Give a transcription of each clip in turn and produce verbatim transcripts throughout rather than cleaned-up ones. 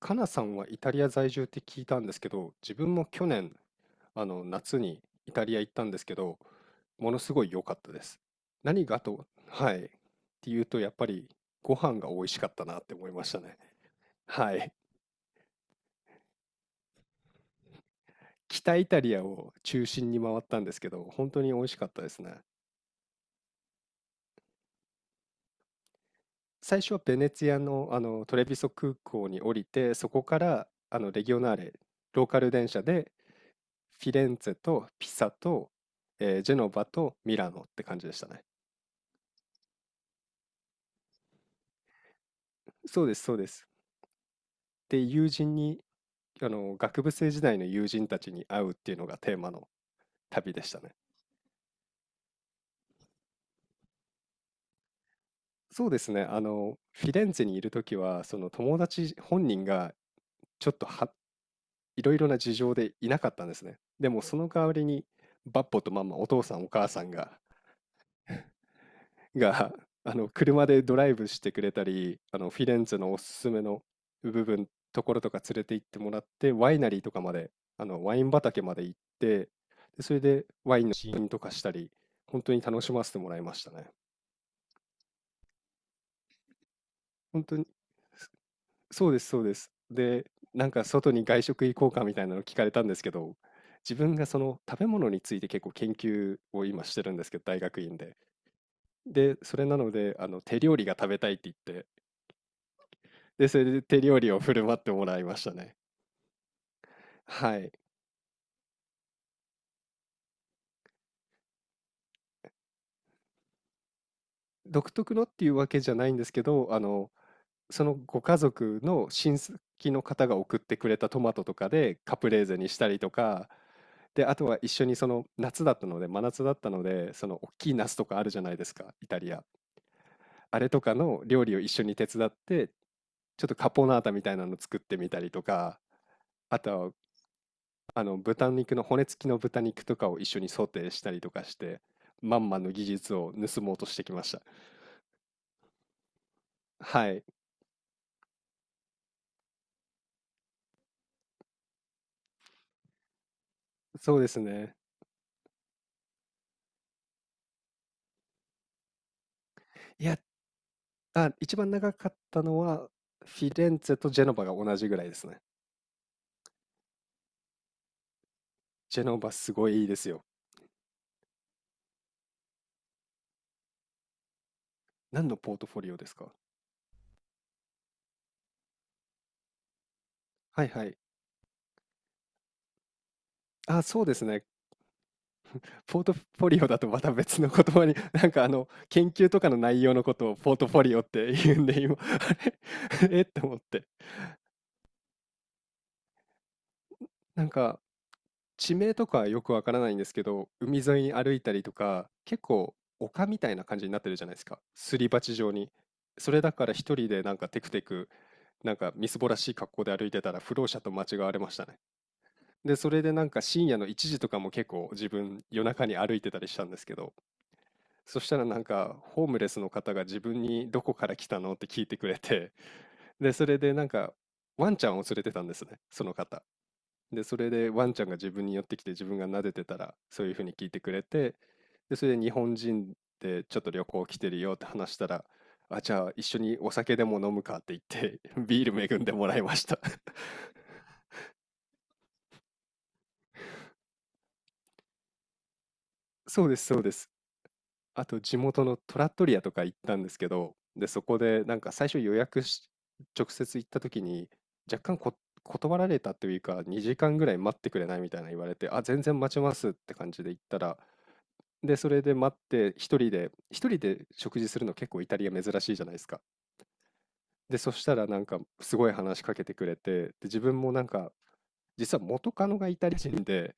かなさんはイタリア在住って聞いたんですけど、自分も去年、あの夏にイタリア行ったんですけど、ものすごい良かったです。何がと、はい、っていうとやっぱりご飯が美味しかったなって思いましたね。はい。北イタリアを中心に回ったんですけど、本当に美味しかったですね。最初はベネツィアの、あのトレビソ空港に降りて、そこからあのレギオナーレ、ローカル電車でフィレンツェとピサと、えージェノバとミラノって感じでしたね。そうです、そうです。で、友人に、あの、学部生時代の友人たちに会うっていうのがテーマの旅でしたね。そうですね、あの、フィレンツェにいるときは、その友達本人がちょっとはいろいろな事情でいなかったんですね。でもその代わりに、バッポとママ、お父さんお母さんがが あの車でドライブしてくれたり、あのフィレンツェのおすすめの部分ところとか連れて行ってもらって、ワイナリーとかまで、あのワイン畑まで行って、でそれでワインの試飲とかしたり、本当に楽しませてもらいましたね。本当にそそうです、そうです。でなんか外に外食行こうかみたいなの聞かれたんですけど、自分がその食べ物について結構研究を今してるんですけど、大学院ででそれなのであの手料理が食べたいって言って、で、それで手料理を振る舞ってもらいましたね。はい。独特のっていうわけじゃないんですけど、あの、そのご家族の親戚の方が送ってくれたトマトとかでカプレーゼにしたりとか、で、あとは一緒にその夏だったので、真夏だったので、その大きいナスとかあるじゃないですか、イタリア。あれとかの料理を一緒に手伝って、ちょっとカポナータみたいなの作ってみたりとか、あとはあの豚肉の骨付きの豚肉とかを一緒にソテーしたりとかして、まんまの技術を盗もうとしてきました。はい、そうですね。いや、あ、一番長かったのは、フィレンツェとジェノバが同じぐらいですね。ジェノバすごいいいですよ。何のポートフォリオですか？はいはい。あ、そうですね。ポートフォリオだとまた別の言葉に、なんかあの、研究とかの内容のことをポートフォリオって言うんで、今、あれ えって思って。なんか、地名とかよくわからないんですけど、海沿いに歩いたりとか、結構丘みたいな感じになってるじゃないですか。すり鉢状に。それだから一人でなんかテクテク、なんかみすぼらしい格好で歩いてたら不老者と間違われましたね。で、それでなんか深夜のいちじとかも結構自分夜中に歩いてたりしたんですけど、そしたらなんかホームレスの方が自分にどこから来たのって聞いてくれて、で、それでなんかワンちゃんを連れてたんですね、その方。で、それでワンちゃんが自分に寄ってきて自分が撫でてたらそういうふうに聞いてくれて、で、それで日本人でちょっと旅行来てるよって話したら、あ、じゃあ一緒にお酒でも飲むかって言って ビール恵んでもらいました。 そうです、そうです。あと地元のトラットリアとか行ったんですけど、で、そこでなんか最初予約し、直接行った時に若干こ断られたというか、にじかんぐらい待ってくれないみたいな言われて、あ、全然待ちますって感じで行ったら、で、それで待って、一人で一人で食事するの結構イタリア珍しいじゃないですか。で、そしたらなんかすごい話しかけてくれて、で、自分もなんか、実は元カノがイタリア人で、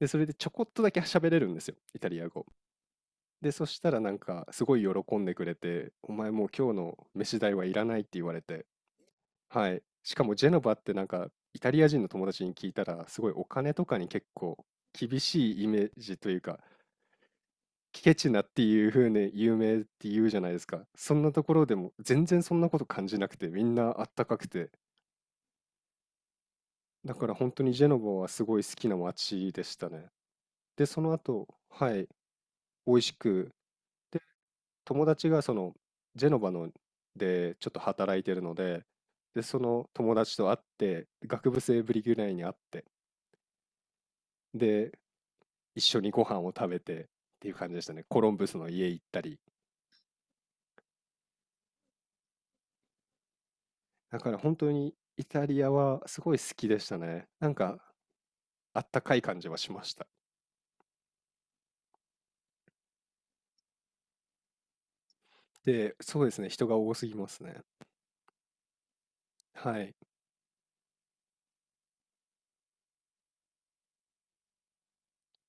で、それでちょこっとだけ喋れるんですよ、イタリア語。で、そしたらなんかすごい喜んでくれて、お前もう今日の飯代はいらないって言われて、はい。しかもジェノバってなんかイタリア人の友達に聞いたら、すごいお金とかに結構厳しいイメージというか、ケチなっていう風に有名って言うじゃないですか。そんなところでも全然そんなこと感じなくて、みんなあったかくて、だから本当にジェノバはすごい好きな街でしたね。で、その後、はい、美味しく、友達がそのジェノバのでちょっと働いてるので、で、その友達と会って、学部生ぶりぐらいに会って、で、一緒にご飯を食べてっていう感じでしたね。コロンブスの家行ったり。だから本当にイタリアはすごい好きでしたね。なんかあったかい感じはしました。で、そうですね、人が多すぎますね。はい。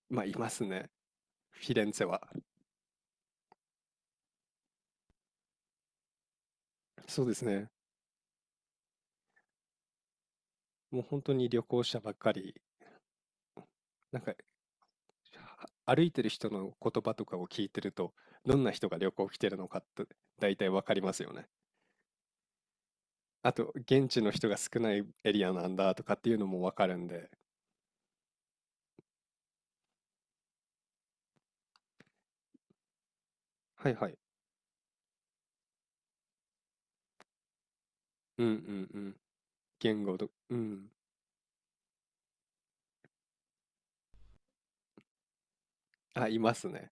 まあ、いますね、フィレンツェは。そうですね、もう本当に旅行者ばっかり、なんかは歩いてる人の言葉とかを聞いてると、どんな人が旅行来てるのかって大体わかりますよね。あと、現地の人が少ないエリアなんだとかっていうのもわかるんで。はいはい。うんうんうん。言語と、うん。あ、いますね。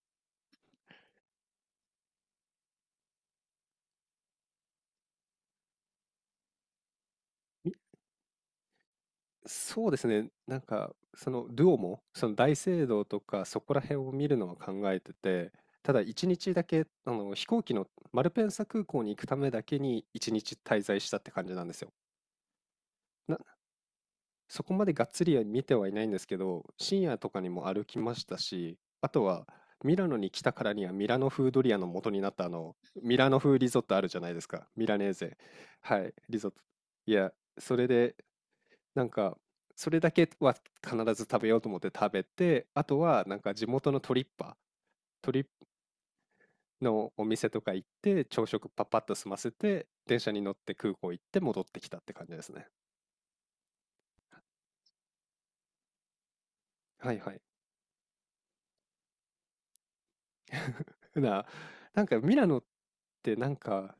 そうですね。なんか、その、ルオも、その大聖堂とか、そこら辺を見るのは考えてて、ただ一日だけ、あの、飛行機のマルペンサ空港に行くためだけに一日滞在したって感じなんですよ。な、そこまでがっつりは見てはいないんですけど、深夜とかにも歩きましたし、あとは、ミラノに来たからにはミラノ風ドリアの元になったあの、ミラノ風リゾットあるじゃないですか。ミラネーゼ。はい、リゾット。いや、それでなんか、それだけは必ず食べようと思って食べて、あとはなんか地元のトリッパー、トリッのお店とか行って、朝食パッパッと済ませて、電車に乗って空港行って戻ってきたって感じですね。はいはい。な、なんかミラノってなんか、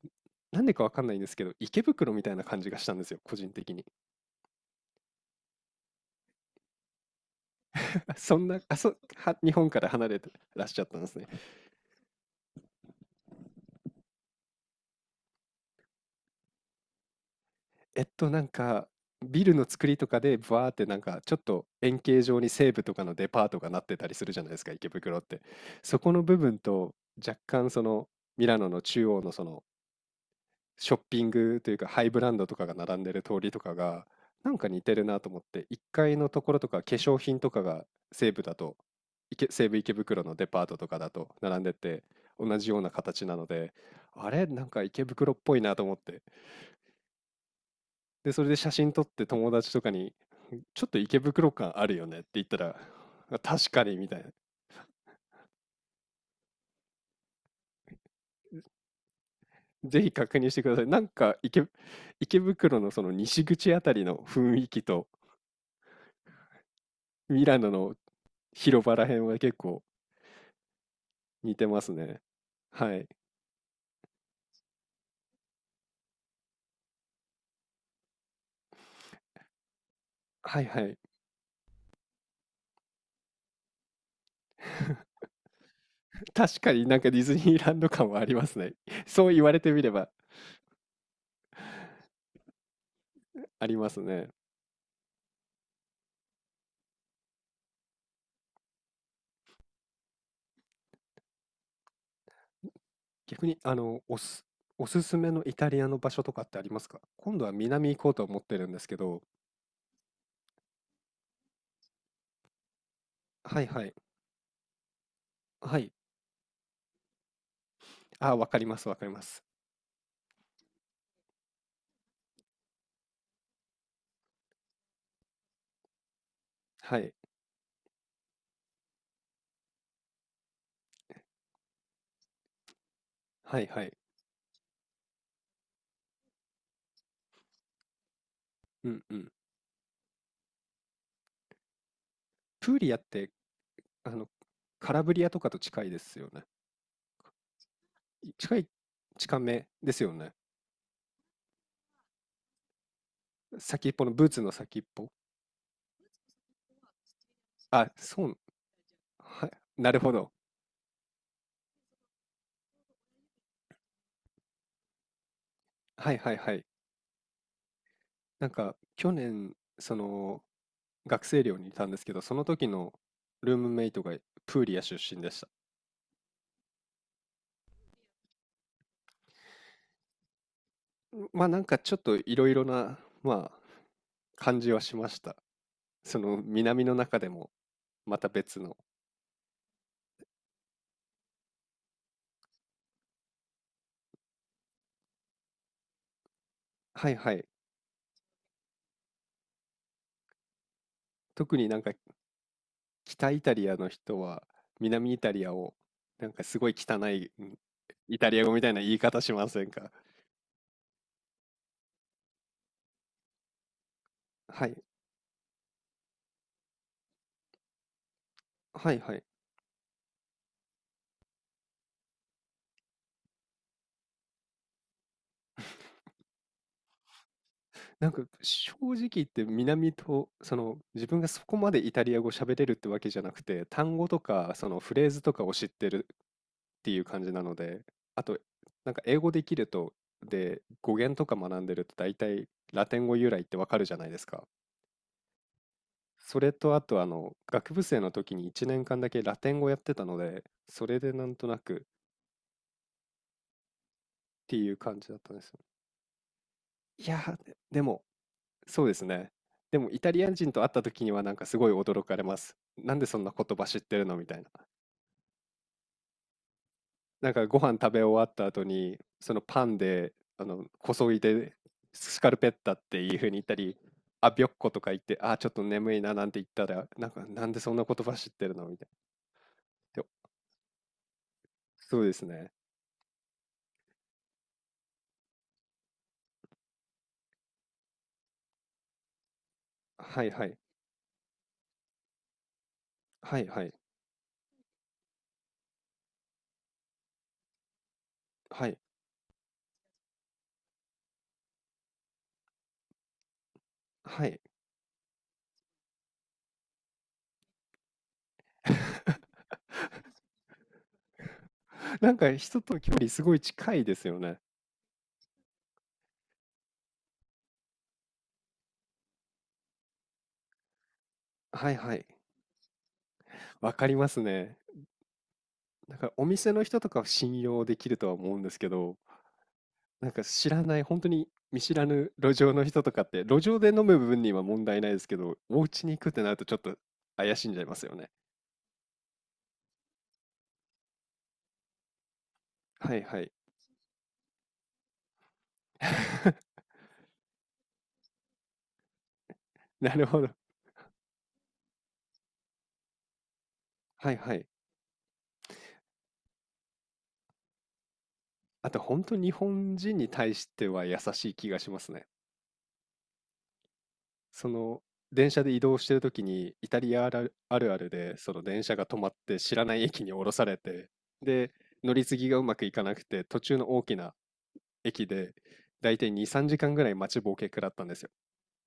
なんでかわかんないんですけど、池袋みたいな感じがしたんですよ、個人的に。そんな、あ、そ、は、日本から離れてらっしゃったんですね。えっと、なんか、ビルの作りとかで、ブワーってなんか、ちょっと円形状に西武とかのデパートがなってたりするじゃないですか、池袋って。そこの部分と、若干その、ミラノの中央のその、ショッピングというか、ハイブランドとかが並んでる通りとかが、なんか似てるなと思って、いっかいのところとか、化粧品とかが西武だと、池西武池袋のデパートとかだと並んでて、同じような形なので、あれ、なんか池袋っぽいなと思って。で、それで写真撮って友達とかにちょっと池袋感あるよねって言ったら、あ確かにみたいな。ぜひ確認してください。なんか池、池袋のその西口あたりの雰囲気とミラノの広場ら辺は結構似てますね。はい。はいはい。確かになんかディズニーランド感はありますね。そう言われてみればありますね。逆に、あの、おす、おすすめのイタリアの場所とかってありますか？今度は南行こうと思ってるんですけど。はいはい。はい。あ、わかりますわかります。はい。はいはい。うんうん。プーリアって、あの、カラブリアとかと近いですよね。い近い、近めですよね。先っぽのブーツの先っぽ。あ、そう、はい、なるほど。はいはいはい。なんか、去年、その、学生寮にいたんですけど、その時のルームメイトがプーリア出身でした。まあなんかちょっといろいろな、まあ、感じはしました。その南の中でもまた別の。はいはい。特になんか北イタリアの人は南イタリアをなんかすごい汚いんイタリア語みたいな言い方しませんか？ はいはいはい。なんか正直言って南と、その、自分がそこまでイタリア語喋れるってわけじゃなくて、単語とかそのフレーズとかを知ってるっていう感じなので。あとなんか英語できると、で、語源とか学んでると大体ラテン語由来ってわかるじゃないですか。それとあと、あの、学部生の時にいちねんかんだけラテン語やってたので、それでなんとなくっていう感じだったんですよ。いやー、ででもそうですね。でもイタリア人と会った時にはなんかすごい驚かれます。なんでそんな言葉知ってるのみたいな。なんかご飯食べ終わった後にそのパンで、あの、こそいでスカルペッタっていう風に言ったり、あびょっことか言って、あーちょっと眠いななんて言ったら、なんかなんでそんな言葉知ってるのみたいな。で、そうですね。はいはい。はいはい。はい。はい。なんか人との距離すごい近いですよね。はいはい。わかりますね。なんかお店の人とかは信用できるとは思うんですけど、なんか知らない、本当に見知らぬ路上の人とかって、路上で飲む分には問題ないですけど、お家に行くってなるとちょっと怪しんじゃいますよね。はいはい。なるほど。はいはい。あと本当日本人に対しては優しい気がしますね。その、電車で移動してる時にイタリアあるあるあるで、その電車が止まって知らない駅に降ろされて、で、乗り継ぎがうまくいかなくて、途中の大きな駅で大体に、さんじかんぐらい待ちぼうけ食らったんですよ。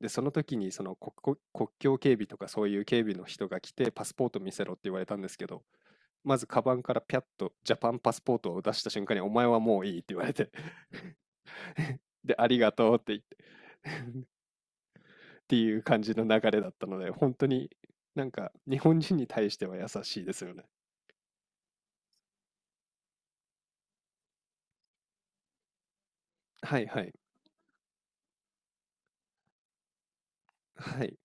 でその時にその国国境警備とかそういう警備の人が来てパスポート見せろって言われたんですけど、まずカバンからピャッとジャパンパスポートを出した瞬間に、お前はもういいって言われて、 でありがとうって言っっていう感じの流れだったので、本当になんか日本人に対しては優しいですよね。はいはい。はい。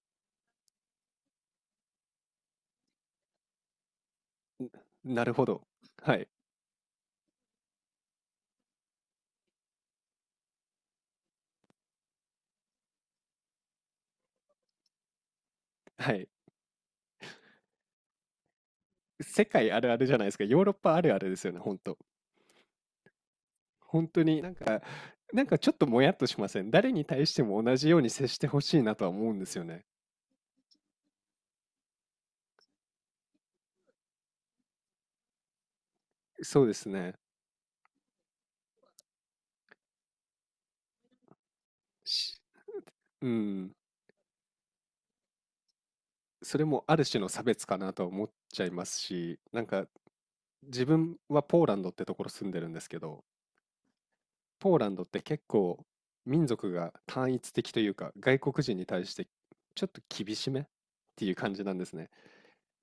なるほど。はい。はい。世界あるあるじゃないですか。ヨーロッパあるあるですよね、本当。本当になんか、なんかちょっともやっとしません？誰に対しても同じように接してほしいなとは思うんですよね。そうですね。しうん。それもある種の差別かなとは思っちゃいますし、なんか自分はポーランドってところ住んでるんですけど、ポーランドって結構民族が単一的というか、外国人に対してちょっと厳しめっていう感じなんですね。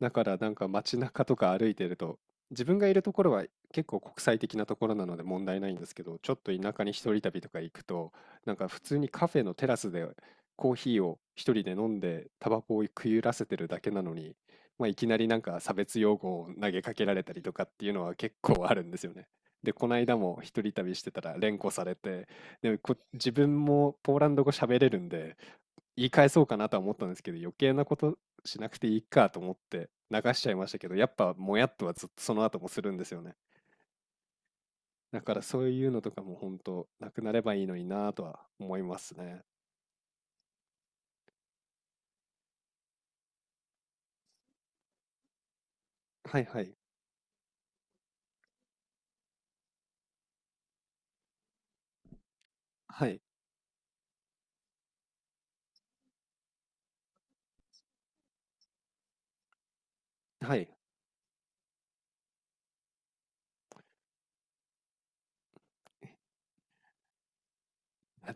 だからなんか街中とか歩いてると、自分がいるところは結構国際的なところなので問題ないんですけど、ちょっと田舎に一人旅とか行くと、なんか普通にカフェのテラスでコーヒーを一人で飲んで、タバコを食い揺らせてるだけなのに、まあ、いきなりなんか差別用語を投げかけられたりとかっていうのは結構あるんですよね。で、この間も一人旅してたら連呼されて、で、こ自分もポーランド語喋れるんで、言い返そうかなとは思ったんですけど、余計なことしなくていいかと思って流しちゃいましたけど、やっぱもやっとはずっとその後もするんですよね。だからそういうのとかも本当なくなればいいのになぁとは思いますね。はいはい。はい。はい。あ、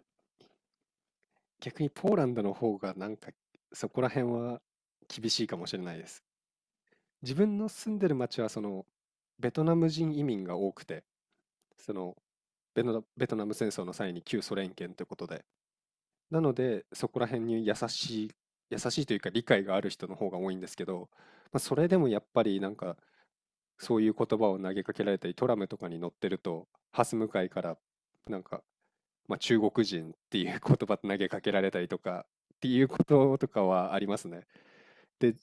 逆にポーランドの方がなんかそこら辺は厳しいかもしれないです。自分の住んでる町はそのベトナム人移民が多くて、その、ベトナベトナム戦争の際に旧ソ連圏ということで、なので、そこら辺に優しい優しいというか理解がある人の方が多いんですけど、まあ、それでもやっぱりなんか、そういう言葉を投げかけられたり、トラムとかに乗ってると、ハス向かいから、なんか、まあ、中国人っていう言葉投げかけられたりとかっていうこととかはありますね。で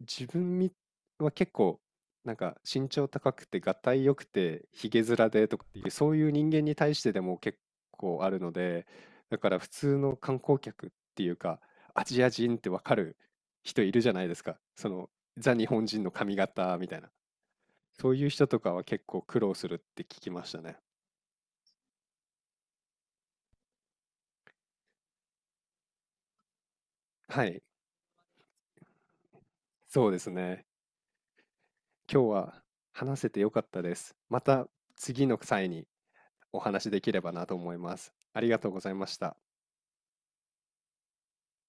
自分みは結構なんか身長高くてがたいよくてひげ面でとかっていうそういう人間に対してでも結構あるので、だから普通の観光客っていうかアジア人ってわかる人いるじゃないですか、そのザ日本人の髪型みたいな、そういう人とかは結構苦労するって聞きましたね。はい、そうですね。今日は話せてよかったです。また次の際にお話しできればなと思います。ありがとうございました。